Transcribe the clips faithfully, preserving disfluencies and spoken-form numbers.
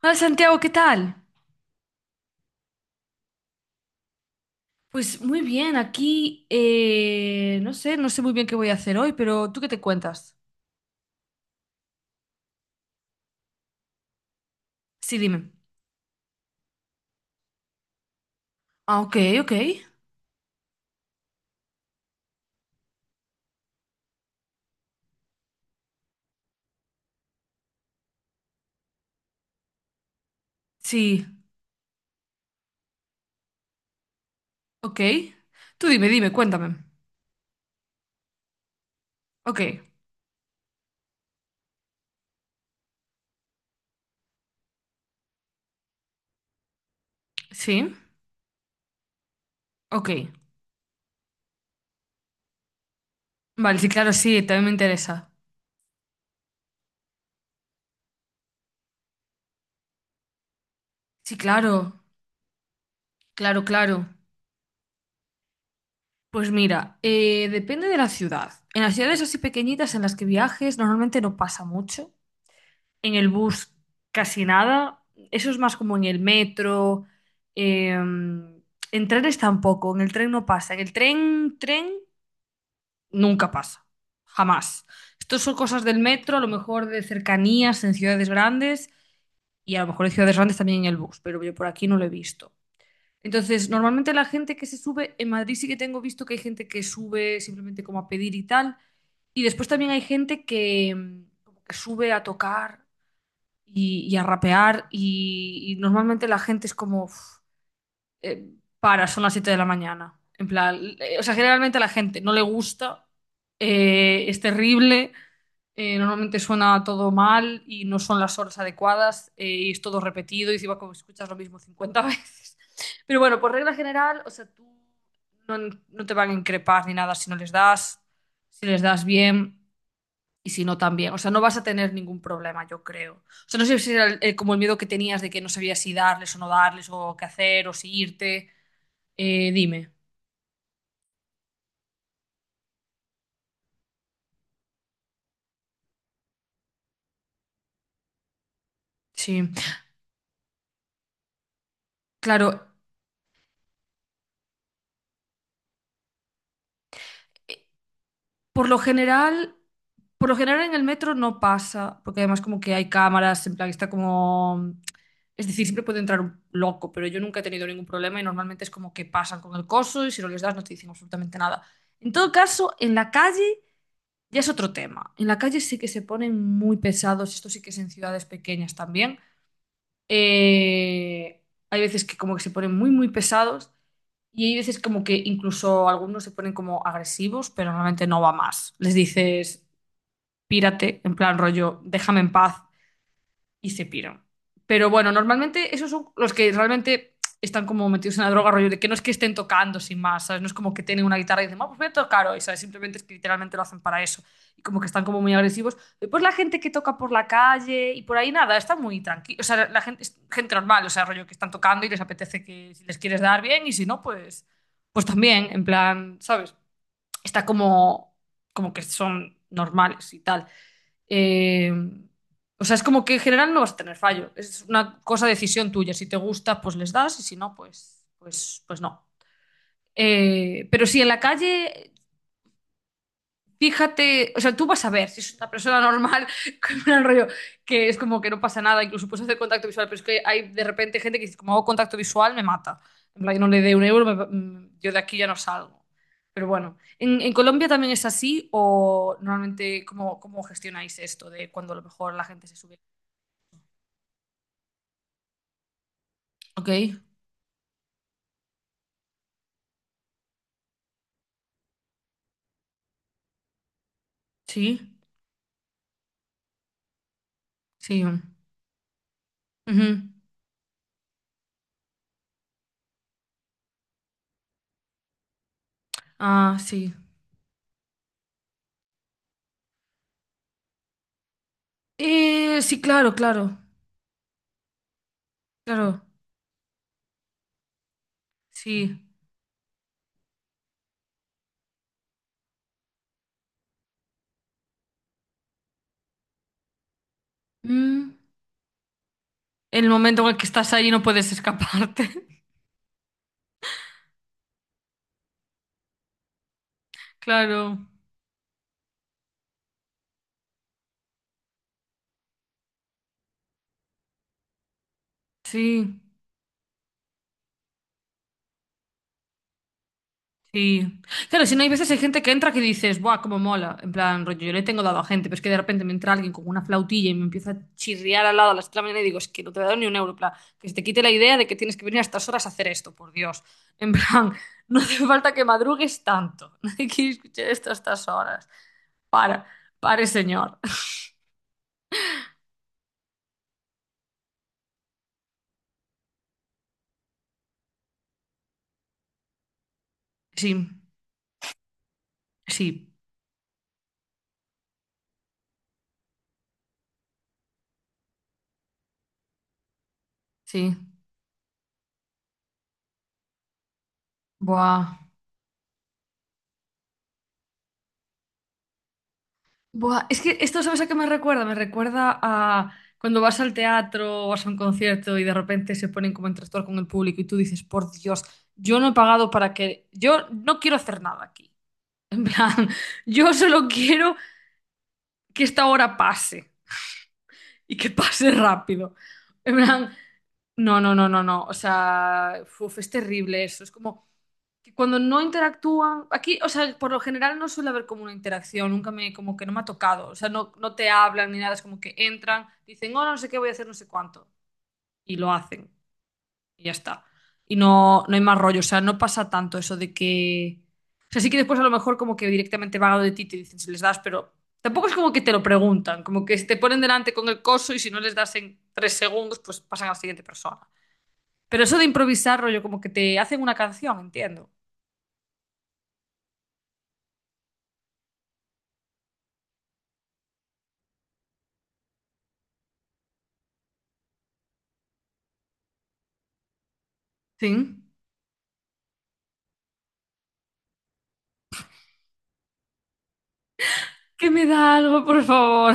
Hola Santiago, ¿qué tal? Pues muy bien, aquí eh, no sé, no sé muy bien qué voy a hacer hoy, pero ¿tú qué te cuentas? Sí, dime. Ah, ok, ok. Sí, ok. Tú dime, dime, cuéntame. Ok, sí, ok. Vale, sí, claro, sí, también me interesa. Sí, claro, claro, claro. Pues mira, eh, depende de la ciudad. En las ciudades así pequeñitas en las que viajes normalmente no pasa mucho. En el bus casi nada. Eso es más como en el metro. eh, en trenes tampoco, en el tren no pasa. En el tren, tren nunca pasa, jamás. Estos son cosas del metro, a lo mejor de cercanías en ciudades grandes y a lo mejor en ciudades grandes también en el bus, pero yo por aquí no lo he visto. Entonces, normalmente la gente que se sube, en Madrid sí que tengo visto que hay gente que sube simplemente como a pedir y tal, y después también hay gente que, mm, como que sube a tocar y, y a rapear y, y normalmente la gente es como, "Uf, eh, para, son las siete de la mañana. En plan, eh, o sea, generalmente a la gente no le gusta, eh, es terrible, eh, normalmente suena todo mal y no son las horas adecuadas eh, y es todo repetido y encima como escuchas lo mismo cincuenta veces. Pero bueno, por regla general, o sea, tú no, no te van a increpar ni nada si no les das, si les das bien. Y si no, también. O sea, no vas a tener ningún problema, yo creo. O sea, no sé si era eh, como el miedo que tenías de que no sabías si darles o no darles, o qué hacer, o si irte. Eh, dime. Sí. Claro, eh, por lo general, por lo general en el metro no pasa, porque además como que hay cámaras, en plan está como. Es decir, siempre puede entrar un loco, pero yo nunca he tenido ningún problema y normalmente es como que pasan con el coso y si no les das no te dicen absolutamente nada. En todo caso, en la calle. Ya es otro tema. En la calle sí que se ponen muy pesados, esto sí que es en ciudades pequeñas también. Eh, Hay veces que como que se ponen muy, muy pesados y hay veces como que incluso algunos se ponen como agresivos, pero normalmente no va más. Les dices, pírate, en plan rollo, déjame en paz, y se pira. Pero bueno, normalmente esos son los que realmente están como metidos en la droga, rollo de que no es que estén tocando sin más, ¿sabes? No es como que tienen una guitarra y dicen, vamos, voy a tocar hoy, ¿sabes? Simplemente es que literalmente lo hacen para eso. Y como que están como muy agresivos. Después la gente que toca por la calle y por ahí nada, está muy tranquila. O sea, la gente, es gente normal, o sea, rollo que están tocando y les apetece que si les quieres dar bien y si no, pues, pues, también, en plan, ¿sabes? Está como, como que son normales y tal. Eh, o sea, es como que en general no vas a tener fallo. Es una cosa decisión tuya. Si te gusta, pues les das y si no, pues, pues, pues no. Eh, pero si en la calle, fíjate, o sea, tú vas a ver si es una persona normal, con un rollo que es como que no pasa nada, incluso puedes hacer contacto visual, pero es que hay de repente gente que dice, como hago contacto visual, me mata. En plan, yo no le dé un euro, me- va- mm, yo de aquí ya no salgo. Pero bueno, ¿en, en Colombia también es así o normalmente cómo, cómo gestionáis esto de cuando a lo mejor la gente se sube? Ok, sí, sí. Mm, ujú. Ah, sí. Eh, sí, claro, claro, claro, sí. Mm, El momento en el que estás ahí no puedes escaparte. Claro, sí. Sí. Claro, si no hay veces hay gente que entra que dices, ¡buah, cómo mola! En plan, rollo, yo le tengo dado a gente, pero es que de repente me entra alguien con una flautilla y me empieza a chirriar al lado a las tres de la mañana y digo, es que no te he dado ni un euro, en plan, que se te quite la idea de que tienes que venir a estas horas a hacer esto, por Dios. En plan, no hace falta que madrugues tanto. Nadie quiere escuchar esto a estas horas. Para, pare, señor. Sí, sí, sí. Buah. Buah, es que esto, ¿sabes a qué me recuerda? Me recuerda a cuando vas al teatro o vas a un concierto y de repente se ponen como en tractor con el público y tú dices, por Dios, yo no he pagado para que. Yo no quiero hacer nada aquí. En plan, yo solo quiero que esta hora pase y que pase rápido. En plan, no, no, no, no, no. O sea, uf, es terrible eso. Es como que cuando no interactúan, aquí, o sea, por lo general no suele haber como una interacción, nunca me, como que no me ha tocado, o sea, no, no te hablan ni nada, es como que entran, dicen, oh, no sé qué voy a hacer, no sé cuánto, y lo hacen, y ya está. Y no, no hay más rollo, o sea, no pasa tanto eso de que, o sea, sí que después a lo mejor como que directamente van a lo de ti y te dicen si les das, pero tampoco es como que te lo preguntan, como que si te ponen delante con el coso y si no les das en tres segundos, pues pasan a la siguiente persona. Pero eso de improvisar, rollo, como que te hacen una canción, entiendo. Sí. Que me da algo, por favor.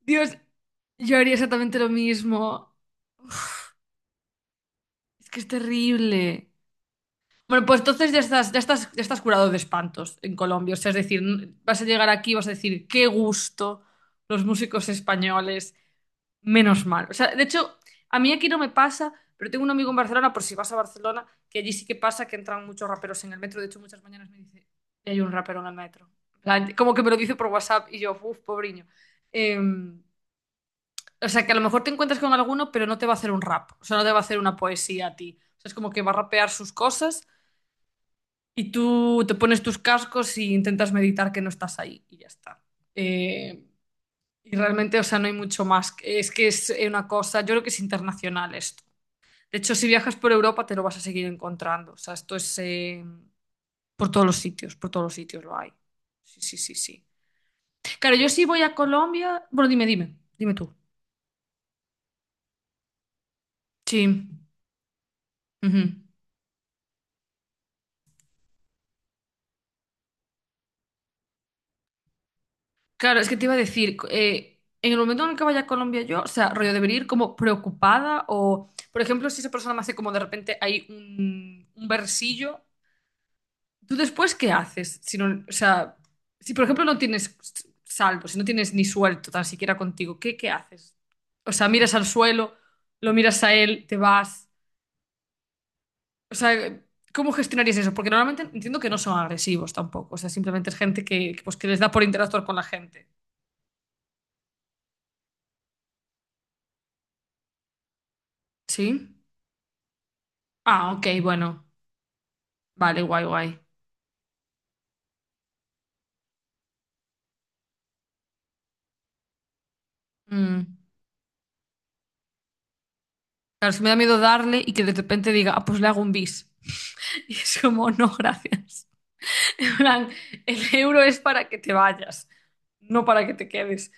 Dios, yo haría exactamente lo mismo. Es que es terrible. Bueno, pues entonces ya estás, ya estás, ya estás curado de espantos en Colombia. O sea, es decir, n- vas a llegar aquí y vas a decir, qué gusto los músicos españoles. Menos mal. O sea, de hecho, a mí aquí no me pasa, pero tengo un amigo en Barcelona, por si vas a Barcelona, que allí sí que pasa que entran muchos raperos en el metro. De hecho, muchas mañanas me dice, "Ya hay un rapero en el metro." En plan, como que me lo dice por WhatsApp y yo, uff, pobriño. O sea, que a lo mejor te encuentras con alguno, pero no te va a hacer un rap, o sea, no te va a hacer una poesía a ti. O sea, es como que va a rapear sus cosas y tú te pones tus cascos y intentas meditar que no estás ahí y ya está. Eh, y realmente, o sea, no hay mucho más. Es que es una cosa, yo creo que es internacional esto. De hecho, si viajas por Europa te lo vas a seguir encontrando. O sea, esto es eh, por todos los sitios, por todos los sitios lo hay. Sí, sí, sí, sí. Claro, yo sí voy a Colombia. Bueno, dime, dime, dime tú. Sí. Ujú. Claro, es que te iba a decir, eh, en el momento en el que vaya a Colombia yo, o sea, rollo, debería ir como preocupada o, por ejemplo, si esa persona me hace como de repente hay un, un versillo, ¿tú después qué haces? Si no, o sea, si por ejemplo no tienes salvo, si no tienes ni suelto tan siquiera contigo, ¿qué, qué, haces? O sea, miras al suelo, lo miras a él, te vas. O sea, ¿cómo gestionarías eso? Porque normalmente entiendo que no son agresivos tampoco, o sea, simplemente es gente que, que, pues, que les da por interactuar con la gente. ¿Sí? Ah, ok, bueno. Vale, guay, guay. Mm. Claro, es que me da miedo darle y que de repente diga, ah, pues le hago un bis. Y es como, no, gracias. En plan, el euro es para que te vayas, no para que te quedes.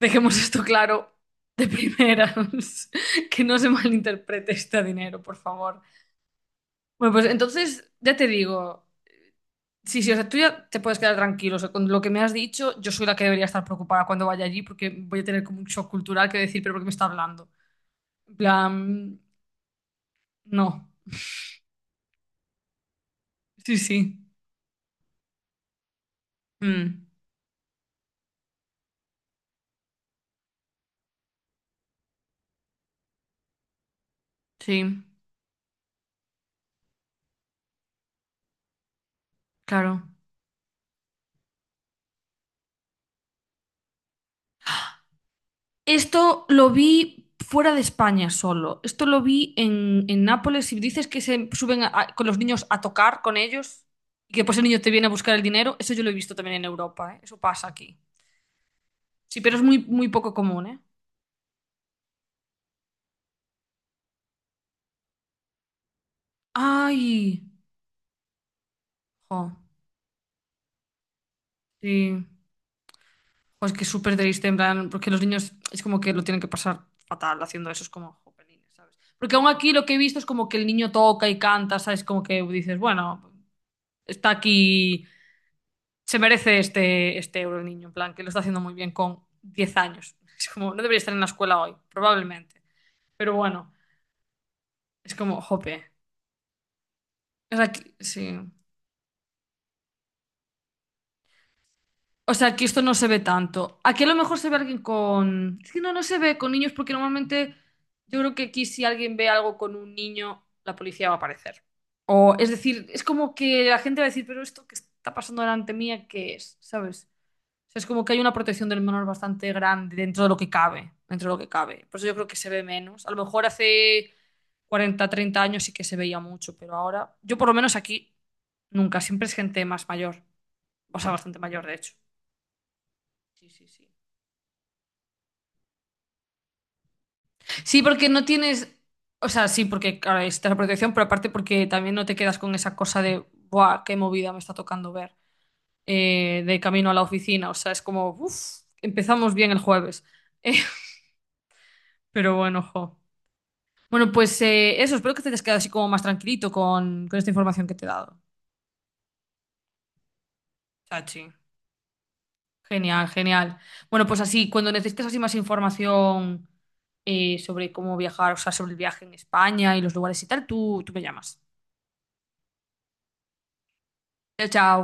Dejemos esto claro de primeras, que no se malinterprete este dinero, por favor. Bueno, pues entonces ya te digo, sí, sí, o sea, tú ya te puedes quedar tranquilo, o sea, con lo que me has dicho, yo soy la que debería estar preocupada cuando vaya allí porque voy a tener como un shock cultural que decir, pero ¿por qué me está hablando? En plan, no. Sí, sí. Mm, sí, claro. Esto lo vi fuera de España solo. Esto lo vi en, en Nápoles. Si dices que se suben a- a- con los niños a tocar con ellos y que después el niño te viene a buscar el dinero, eso yo lo he visto también en Europa, ¿eh? Eso pasa aquí. Sí, pero es muy, muy poco común, ¿eh? ¡Ay! Jo, sí. Pues que es súper triste, en plan, porque los niños es como que lo tienen que pasar fatal haciendo eso, es como jopelines, ¿sabes? Porque aún aquí lo que he visto es como que el niño toca y canta, ¿sabes? Como que dices, bueno. Está aquí, se merece este, este euro el niño, en plan, que lo está haciendo muy bien con diez años. Es como, no debería estar en la escuela hoy, probablemente. Pero bueno, es como, jope. O sea, aquí, sí. O sea, aquí esto no se ve tanto. Aquí a lo mejor se ve alguien con. Es que no, no se ve con niños porque normalmente yo creo que aquí si alguien ve algo con un niño, la policía va a aparecer. O es decir, es como que la gente va a decir, pero esto que está pasando delante mía, ¿qué es? ¿Sabes? O sea, es como que hay una protección del menor bastante grande dentro de lo que cabe, dentro de lo que cabe. Por eso yo creo que se ve menos. A lo mejor hace cuarenta treinta años sí que se veía mucho, pero ahora, yo por lo menos aquí, nunca. Siempre es gente más mayor. O sea, bastante mayor, de hecho. Sí, sí, sí. Sí, porque no tienes. O sea, sí, porque claro, está la protección, pero aparte porque también no te quedas con esa cosa de, ¡buah, qué movida me está tocando ver, eh, de camino a la oficina! O sea, es como, uff, empezamos bien el jueves. Pero bueno, jo. Bueno, pues eh, eso, espero que te hayas quedado así como más tranquilito con, con, esta información que te he dado, Chachi. Genial, genial. Bueno, pues así, cuando necesites así más información eh, sobre cómo viajar, o sea, sobre el viaje en España y los lugares y tal, tú, tú me llamas. Chao, chao.